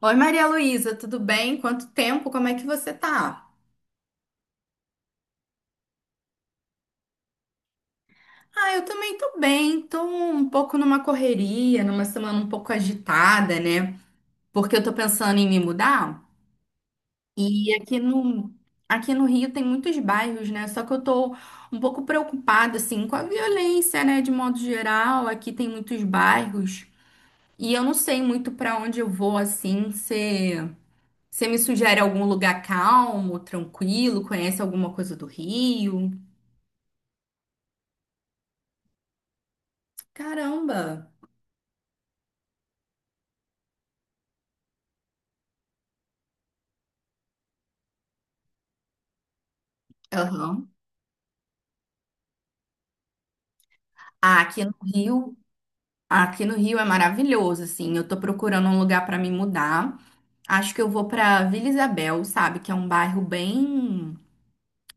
Oi, Maria Luísa, tudo bem? Quanto tempo? Como é que você tá? Ah, eu também tô bem, tô um pouco numa correria, numa semana um pouco agitada, né? Porque eu tô pensando em me mudar e aqui no Rio tem muitos bairros, né? Só que eu tô um pouco preocupada, assim, com a violência, né? De modo geral, aqui tem muitos bairros e eu não sei muito pra onde eu vou, assim, se... Você me sugere algum lugar calmo, tranquilo? Conhece alguma coisa do Rio? Caramba! Aham. Ah, aqui no Rio é maravilhoso, assim. Eu tô procurando um lugar pra me mudar. Acho que eu vou pra Vila Isabel, sabe? Que é um bairro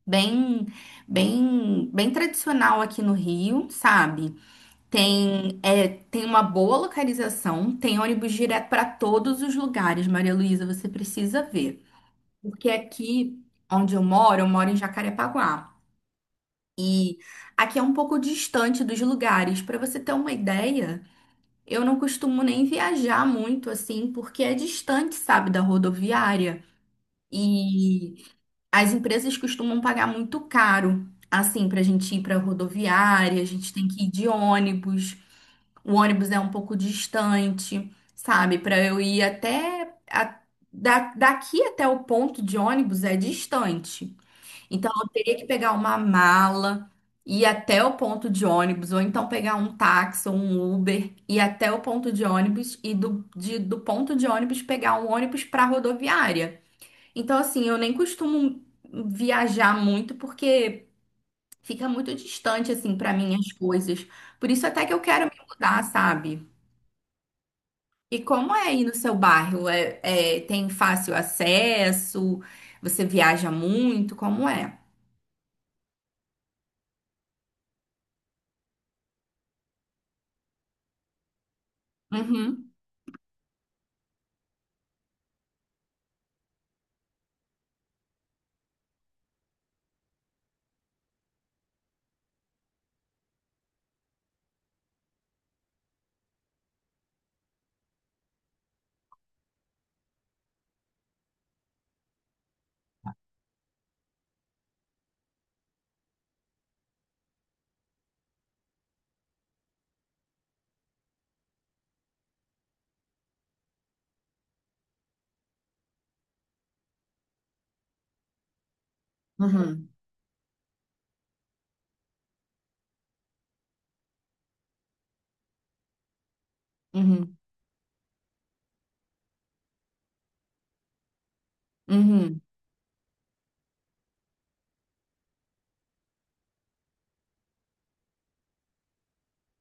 bem, bem tradicional aqui no Rio, sabe? Tem uma boa localização, tem ônibus direto pra todos os lugares, Maria Luísa, você precisa ver. Porque aqui onde eu moro em Jacarepaguá. Aqui é um pouco distante dos lugares. Para você ter uma ideia, eu não costumo nem viajar muito assim, porque é distante, sabe, da rodoviária. E as empresas costumam pagar muito caro, assim, para a gente ir para rodoviária, a gente tem que ir de ônibus. O ônibus é um pouco distante, sabe? Para eu ir até daqui até o ponto de ônibus é distante. Então, eu teria que pegar uma mala, ir até o ponto de ônibus, ou então pegar um táxi ou um Uber, ir até o ponto de ônibus e do ponto de ônibus pegar um ônibus para rodoviária. Então, assim, eu nem costumo viajar muito porque fica muito distante, assim, para mim as coisas. Por isso, até que eu quero me mudar, sabe? E como é aí no seu bairro? Tem fácil acesso? Você viaja muito? Como é? Uhum, uhum, uhum. Uhum.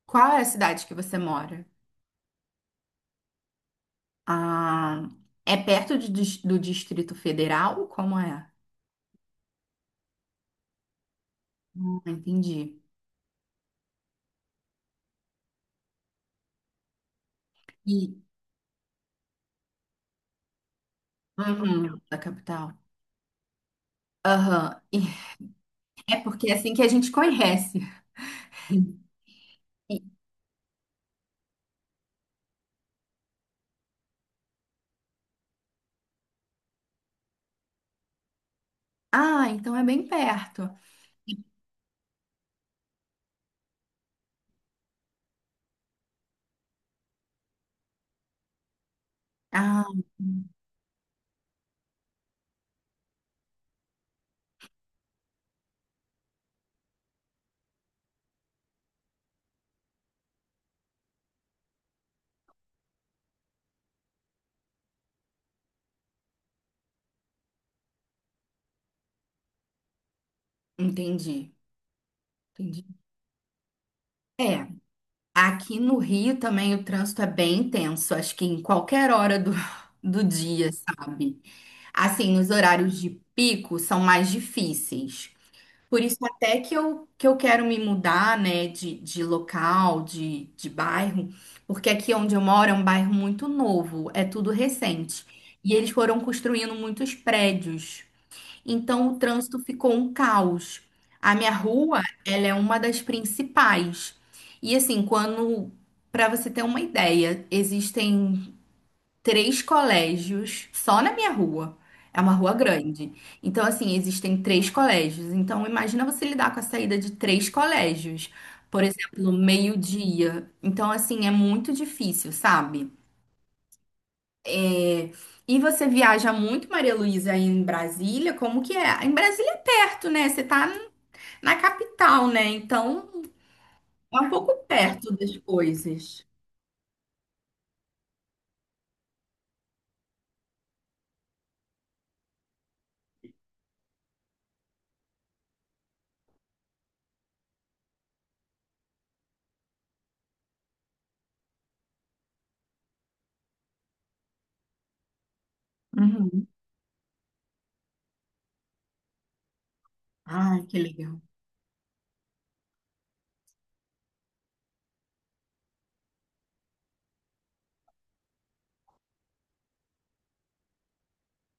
Qual é a cidade que você mora? Ah, é perto do Distrito Federal? Como é? Ah, entendi. E, uhum, da capital. Aham. E é porque é assim que a gente conhece. E- ah, então é bem perto. Ah, entendi. Entendi. É, aqui no Rio também o trânsito é bem intenso, acho que em qualquer hora do dia, sabe? Assim, nos horários de pico são mais difíceis. Por isso até que eu quero me mudar, né, de local, de bairro, porque aqui onde eu moro é um bairro muito novo, é tudo recente. E eles foram construindo muitos prédios. Então o trânsito ficou um caos. A minha rua, ela é uma das principais. E assim, para você ter uma ideia, existem três colégios só na minha rua. É uma rua grande. Então, assim, existem três colégios. Então, imagina você lidar com a saída de três colégios. Por exemplo, meio-dia. Então, assim, é muito difícil, sabe? É, E você viaja muito, Maria Luísa, aí em Brasília? Como que é? Em Brasília é perto, né? Você tá na capital, né? Então, é um pouco perto das coisas. Uhum. Ai, que legal.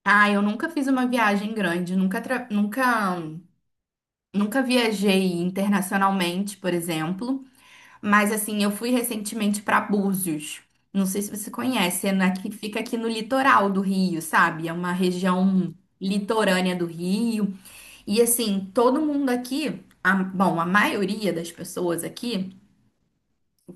Ah, eu nunca fiz uma viagem grande, nunca, tra- nunca Nunca viajei internacionalmente, por exemplo, mas assim, eu fui recentemente para Búzios. Não sei se você conhece, que fica aqui no litoral do Rio, sabe? É uma região litorânea do Rio. E assim, todo mundo aqui, bom, a maioria das pessoas aqui,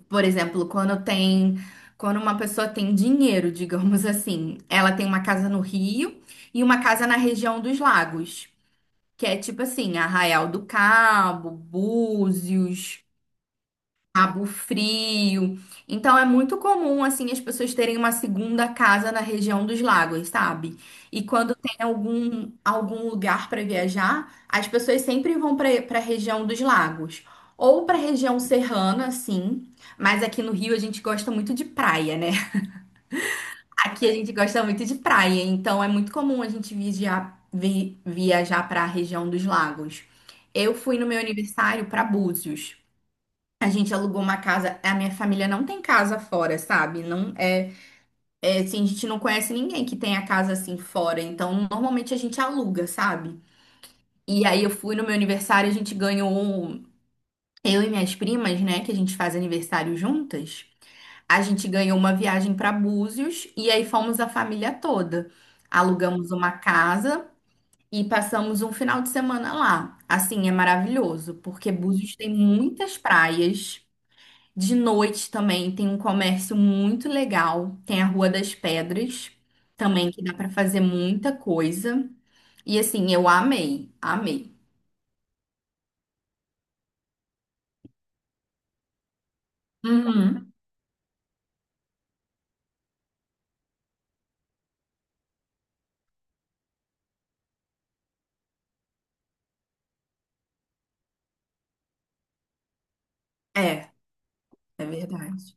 por exemplo, quando uma pessoa tem dinheiro, digamos assim, ela tem uma casa no Rio e uma casa na região dos lagos que é tipo assim, Arraial do Cabo, Búzios, Cabo Frio. Então é muito comum assim as pessoas terem uma segunda casa na região dos lagos, sabe? E quando tem algum lugar para viajar, as pessoas sempre vão para a região dos lagos. Ou para a região serrana, sim, mas aqui no Rio a gente gosta muito de praia, né? Aqui a gente gosta muito de praia, então é muito comum a gente viajar para a região dos lagos. Eu fui no meu aniversário para Búzios. A gente alugou uma casa. A minha família não tem casa fora, sabe? Não é, é assim, a gente não conhece ninguém que tenha casa assim fora. Então, normalmente a gente aluga, sabe? E aí eu fui no meu aniversário, a gente ganhou. Eu e minhas primas, né? Que a gente faz aniversário juntas. A gente ganhou uma viagem para Búzios e aí fomos a família toda. Alugamos uma casa e passamos um final de semana lá. Assim, é maravilhoso, porque Búzios tem muitas praias. De noite também tem um comércio muito legal. Tem a Rua das Pedras também, que dá para fazer muita coisa. E assim, eu amei, amei. Uhum. É, é verdade.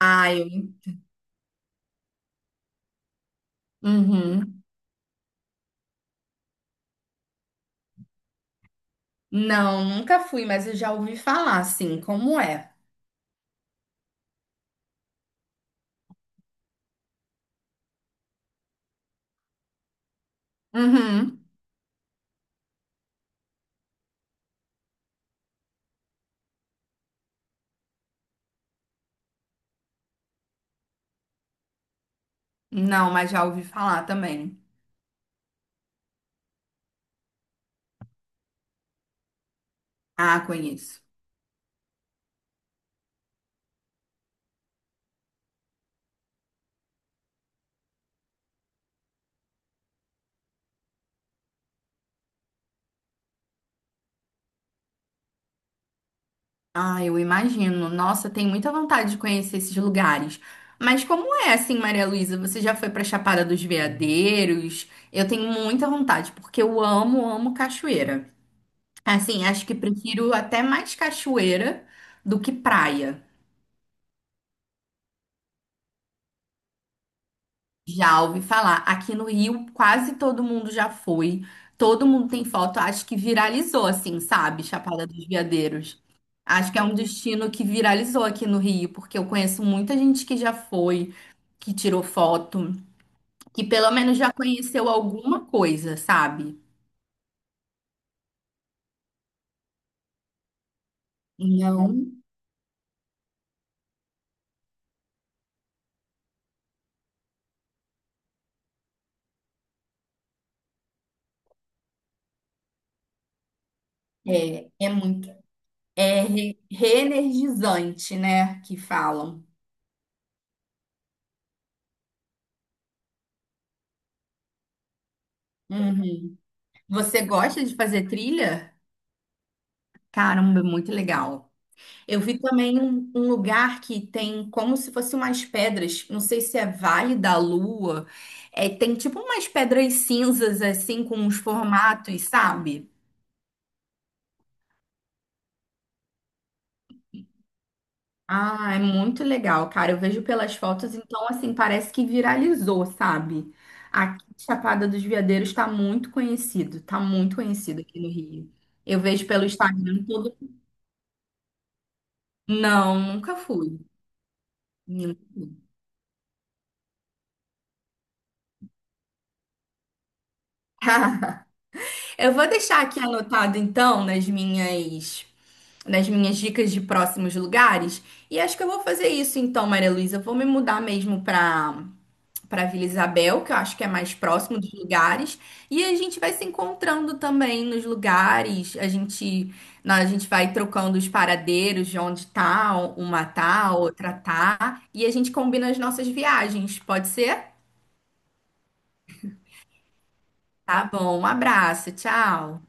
Ah, eu Uhum. Não, nunca fui, mas eu já ouvi falar, assim, como é. Uhum. Não, mas já ouvi falar também. Ah, conheço. Ah, eu imagino. Nossa, tem muita vontade de conhecer esses lugares. Mas como é assim, Maria Luísa? Você já foi pra Chapada dos Veadeiros? Eu tenho muita vontade, porque eu amo, amo cachoeira. Assim, acho que prefiro até mais cachoeira do que praia. Já ouvi falar. Aqui no Rio, quase todo mundo já foi. Todo mundo tem foto. Acho que viralizou, assim, sabe? Chapada dos Veadeiros. Acho que é um destino que viralizou aqui no Rio, porque eu conheço muita gente que já foi, que tirou foto, que pelo menos já conheceu alguma coisa, sabe? Não, é, é muito, é reenergizante, né? Que falam. Uhum. Você gosta de fazer trilha? Caramba, é muito legal. Eu vi também um lugar que tem como se fossem umas pedras, não sei se é Vale da Lua, tem tipo umas pedras cinzas assim com uns formatos, sabe? Ah, é muito legal, cara. Eu vejo pelas fotos, então assim, parece que viralizou, sabe? Aqui, Chapada dos Veadeiros está muito conhecido, tá muito conhecido aqui no Rio. Eu vejo pelo Instagram todo. Não, nunca fui. Nunca fui. Eu vou deixar aqui anotado então nas minhas dicas de próximos lugares. E acho que eu vou fazer isso então, Maria Luísa. Eu vou me mudar mesmo para Vila Isabel, que eu acho que é mais próximo dos lugares. E a gente vai se encontrando também nos lugares. A gente vai trocando os paradeiros de onde tá, uma tá, outra tá. E a gente combina as nossas viagens. Pode ser? Tá bom, um abraço, tchau.